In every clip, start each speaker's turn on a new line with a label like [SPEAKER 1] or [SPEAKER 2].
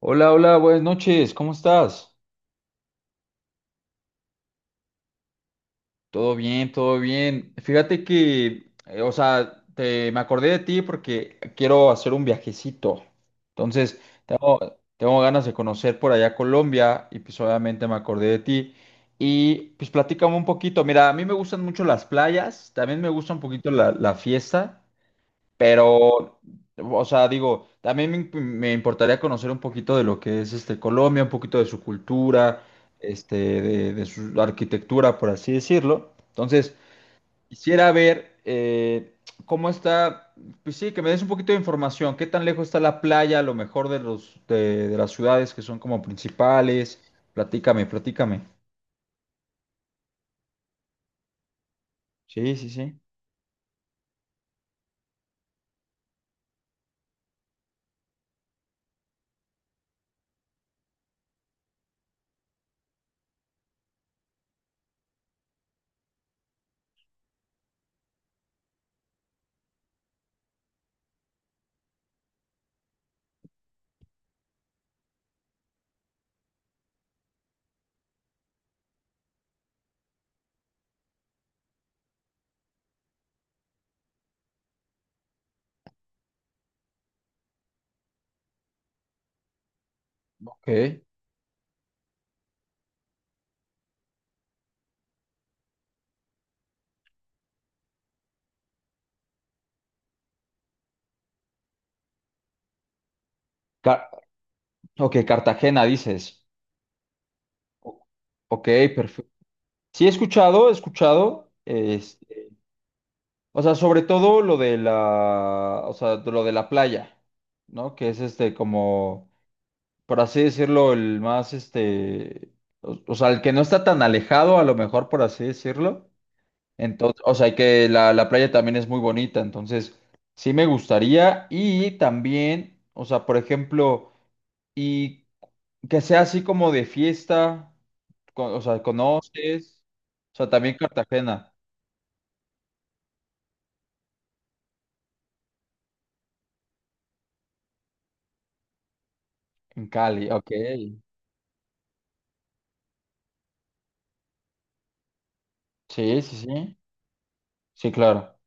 [SPEAKER 1] Hola, hola, buenas noches, ¿cómo estás? Todo bien, todo bien. Fíjate que, o sea, me acordé de ti porque quiero hacer un viajecito. Entonces, tengo ganas de conocer por allá Colombia y pues obviamente me acordé de ti. Y pues platícame un poquito. Mira, a mí me gustan mucho las playas, también me gusta un poquito la fiesta. Pero, o sea, digo, también me importaría conocer un poquito de lo que es este Colombia, un poquito de su cultura, este, de su arquitectura, por así decirlo. Entonces, quisiera ver cómo está, pues sí, que me des un poquito de información, qué tan lejos está la playa, a lo mejor de de las ciudades que son como principales. Platícame, platícame. Sí, sí, sí. Ok. Car- ok, Cartagena dices. O- Ok. Sí, he escuchado, este, o sea, sobre todo lo de la, o sea, de lo de la playa, ¿no? Que es este como, por así decirlo, el más, este, o sea, el que no está tan alejado, a lo mejor, por así decirlo. Entonces, o sea, que la playa también es muy bonita, entonces, sí me gustaría y también, o sea, por ejemplo, y que sea así como de fiesta, o sea, conoces, o sea, también Cartagena. En Cali, ok. Sí, sí, sí. Sí, claro.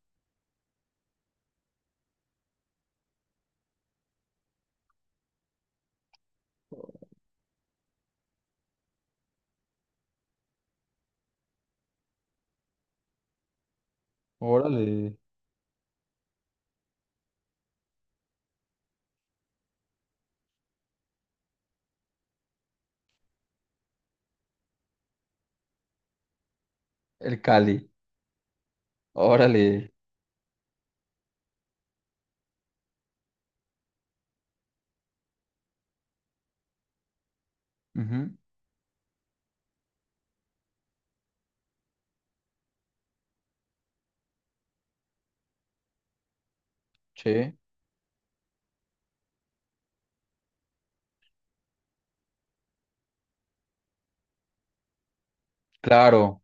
[SPEAKER 1] Órale. El Cali. Órale. Ujú. Sí, claro.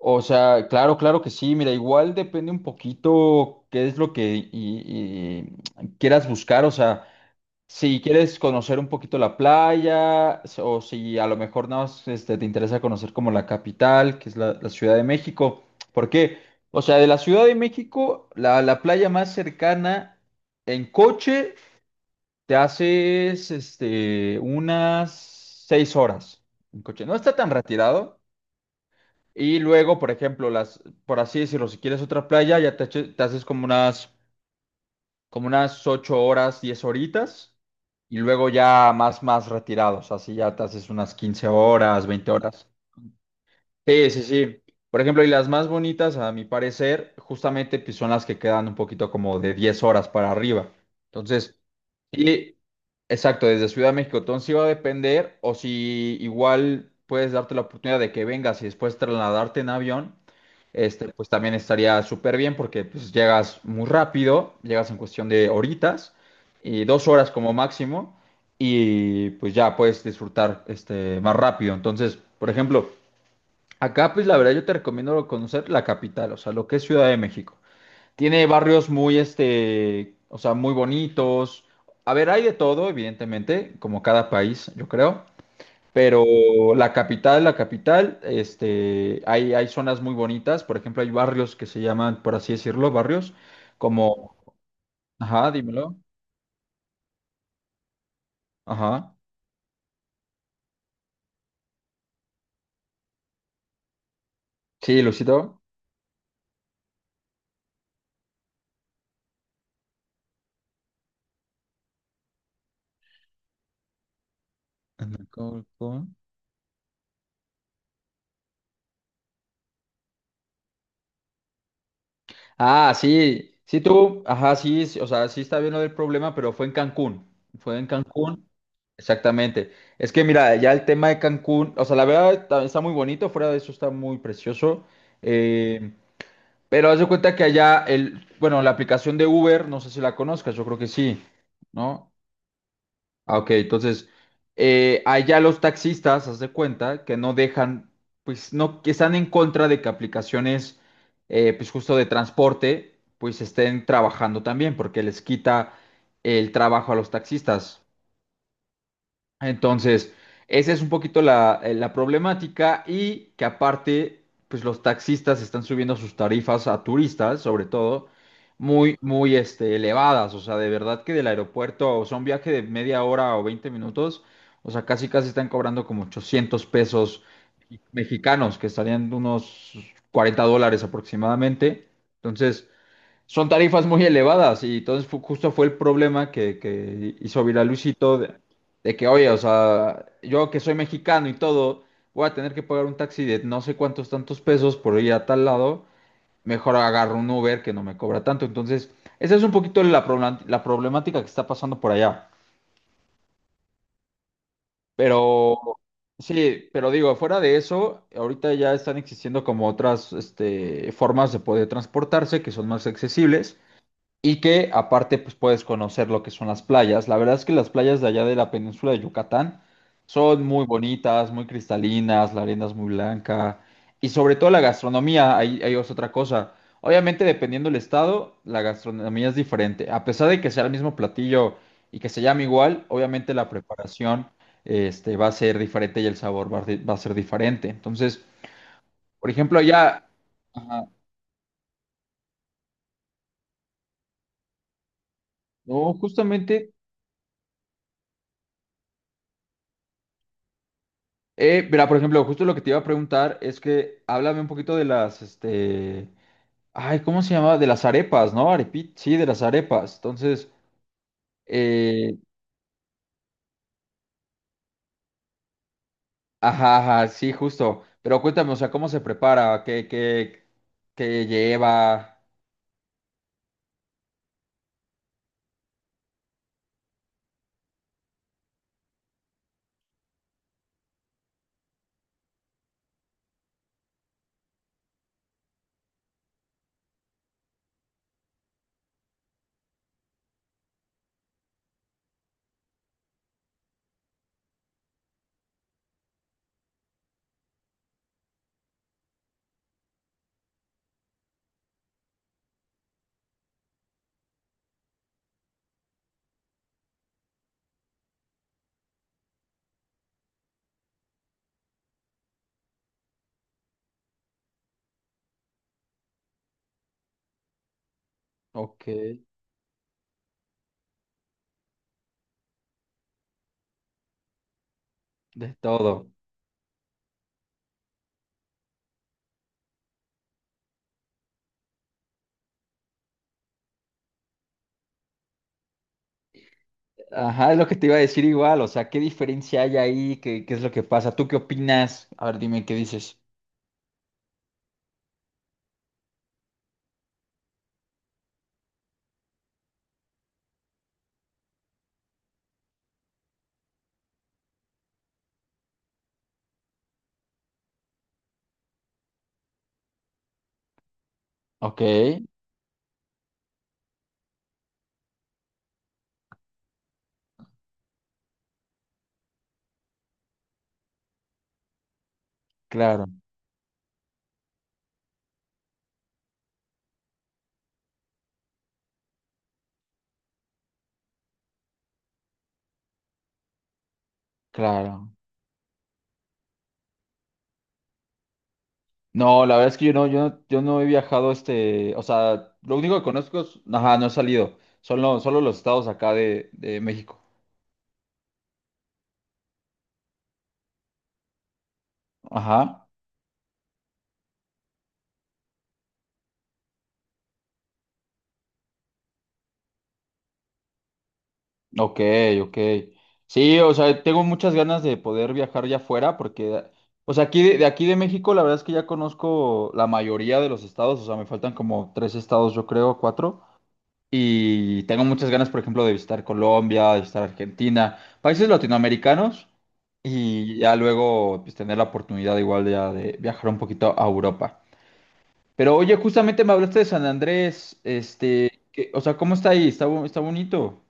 [SPEAKER 1] O sea, claro, claro que sí. Mira, igual depende un poquito qué es lo que y quieras buscar. O sea, si quieres conocer un poquito la playa o si a lo mejor no te interesa conocer como la capital, que es la Ciudad de México. ¿Por qué? O sea, de la Ciudad de México, la playa más cercana en coche. Te haces este, unas 6 horas en coche. No está tan retirado. Y luego, por ejemplo, por así decirlo, si quieres otra playa, ya te haces como unas 8 horas, 10 horitas. Y luego ya más, más retirados. Así ya te haces unas 15 horas, 20 horas. Sí, sí, sí. Por ejemplo, y las más bonitas, a mi parecer, justamente pues, son las que quedan un poquito como de 10 horas para arriba. Entonces, sí, exacto, desde Ciudad de México. Entonces, sí va a depender, o si igual puedes darte la oportunidad de que vengas y después trasladarte en avión, este, pues también estaría súper bien porque pues, llegas muy rápido, llegas en cuestión de horitas y 2 horas como máximo, y pues ya puedes disfrutar este, más rápido. Entonces, por ejemplo. Acá, pues la verdad yo te recomiendo conocer la capital, o sea, lo que es Ciudad de México. Tiene barrios muy, este, o sea, muy bonitos. A ver, hay de todo, evidentemente, como cada país, yo creo. Pero la capital, este, hay zonas muy bonitas. Por ejemplo, hay barrios que se llaman, por así decirlo, barrios como, ajá, dímelo, ajá, sí, Luisito. Anacalco. Ah, sí, sí tú, ajá, sí, sí, o sea, sí está bien lo del problema, pero fue en Cancún, exactamente. Es que mira, ya el tema de Cancún, o sea, la verdad está muy bonito, fuera de eso está muy precioso, eh, pero haz de cuenta que allá, el, bueno, la aplicación de Uber, no sé si la conozcas, yo creo que sí, ¿no? Ah, ok, entonces, allá los taxistas, haz de cuenta, que no dejan, pues no, que están en contra de que aplicaciones, pues justo de transporte, pues estén trabajando también, porque les quita el trabajo a los taxistas. Entonces, esa es un poquito la, la problemática y que aparte, pues los taxistas están subiendo sus tarifas a turistas, sobre todo, muy, muy este, elevadas. O sea, de verdad que del aeropuerto, o sea, un viaje de media hora o 20 minutos, o sea, casi, casi están cobrando como 800 pesos mexicanos, que estarían unos $40 aproximadamente. Entonces, son tarifas muy elevadas y entonces justo fue el problema que hizo viral Luisito de que, oye, o sea, yo que soy mexicano y todo, voy a tener que pagar un taxi de no sé cuántos tantos pesos por ir a tal lado, mejor agarro un Uber que no me cobra tanto. Entonces, esa es un poquito la, la problemática que está pasando por allá. Pero, sí, pero digo, fuera de eso, ahorita ya están existiendo como otras este, formas de poder transportarse que son más accesibles. Y que aparte pues puedes conocer lo que son las playas. La verdad es que las playas de allá de la península de Yucatán son muy bonitas, muy cristalinas, la arena es muy blanca y sobre todo la gastronomía, ahí, ahí es otra cosa. Obviamente dependiendo del estado, la gastronomía es diferente. A pesar de que sea el mismo platillo y que se llame igual, obviamente la preparación este, va a ser diferente y el sabor va a, va a ser diferente. Entonces, por ejemplo, allá... Ajá. No, justamente mira, por ejemplo, justo lo que te iba a preguntar es que háblame un poquito de las, este, ay, ¿cómo se llama? De las arepas, ¿no? Sí, de las arepas. Entonces, eh, ajá, ajá, sí, justo. Pero cuéntame, o sea, ¿cómo se prepara? ¿Qué, qué, qué lleva? Ok, de todo. Ajá, es lo que te iba a decir igual, o sea, ¿qué diferencia hay ahí? ¿Qué, qué es lo que pasa? ¿Tú qué opinas? A ver, dime, ¿qué dices? Ok, claro, claro. No, la verdad es que yo no, yo no, yo no he viajado este, o sea, lo único que conozco es, ajá, no he salido, solo, solo los estados acá de México. Ajá, ok, ok. Sí, o sea, tengo muchas ganas de poder viajar ya afuera porque, o sea, aquí de aquí de México, la verdad es que ya conozco la mayoría de los estados, o sea, me faltan como tres estados, yo creo, cuatro. Y tengo muchas ganas, por ejemplo, de visitar Colombia, de visitar Argentina, países latinoamericanos y ya luego pues, tener la oportunidad igual de, ya de viajar un poquito a Europa. Pero oye, justamente me hablaste de San Andrés, este, o sea, ¿cómo está ahí? ¿Está, está bonito?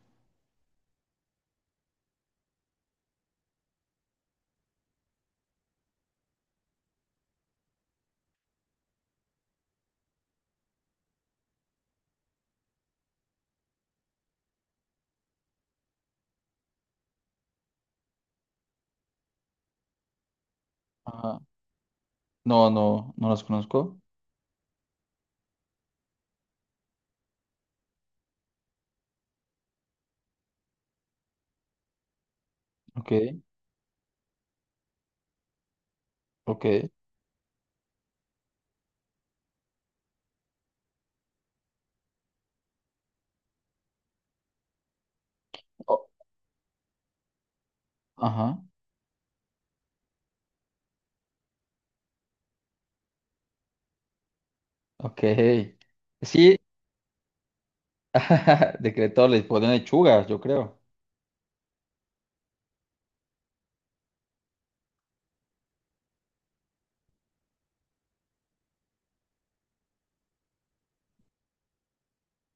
[SPEAKER 1] Ajá. No, no, no los conozco. Ok, ok. O- ajá, ok. Sí, decretó, les ponen lechugas, yo creo.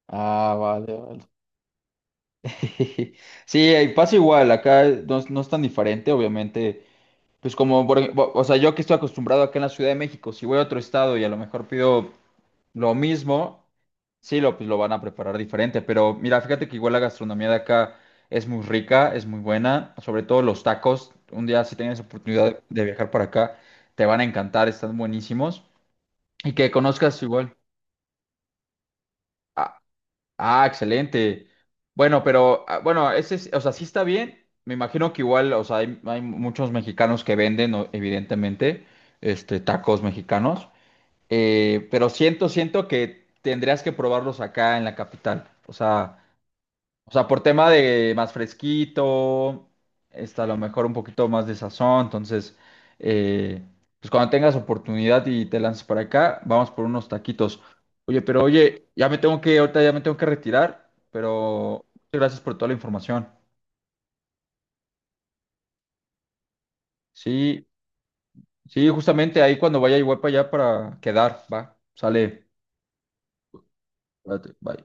[SPEAKER 1] Ah, vale, vale. Sí, y pasa igual, acá no, es no es tan diferente, obviamente, pues como, por o sea, yo que estoy acostumbrado acá en la Ciudad de México, si voy a otro estado y a lo mejor pido lo mismo, sí, lo, pues lo van a preparar diferente, pero mira, fíjate que igual la gastronomía de acá es muy rica, es muy buena, sobre todo los tacos, un día si tienes oportunidad de viajar para acá, te van a encantar, están buenísimos, y que conozcas igual. Ah, excelente. Bueno, pero ah, bueno, ese, o sea, sí está bien. Me imagino que igual, o sea, hay muchos mexicanos que venden, evidentemente, este, tacos mexicanos. Pero siento, siento que tendrías que probarlos acá en la capital. O sea, por tema de más fresquito, está a lo mejor un poquito más de sazón. Entonces, eh, pues cuando tengas oportunidad y te lances para acá, vamos por unos taquitos. Oye, pero oye, ya me tengo que, ahorita ya me tengo que retirar, pero muchas gracias por toda la información. Sí, sí, justamente ahí cuando vaya igual para allá para quedar, va, sale, cuídate, bye.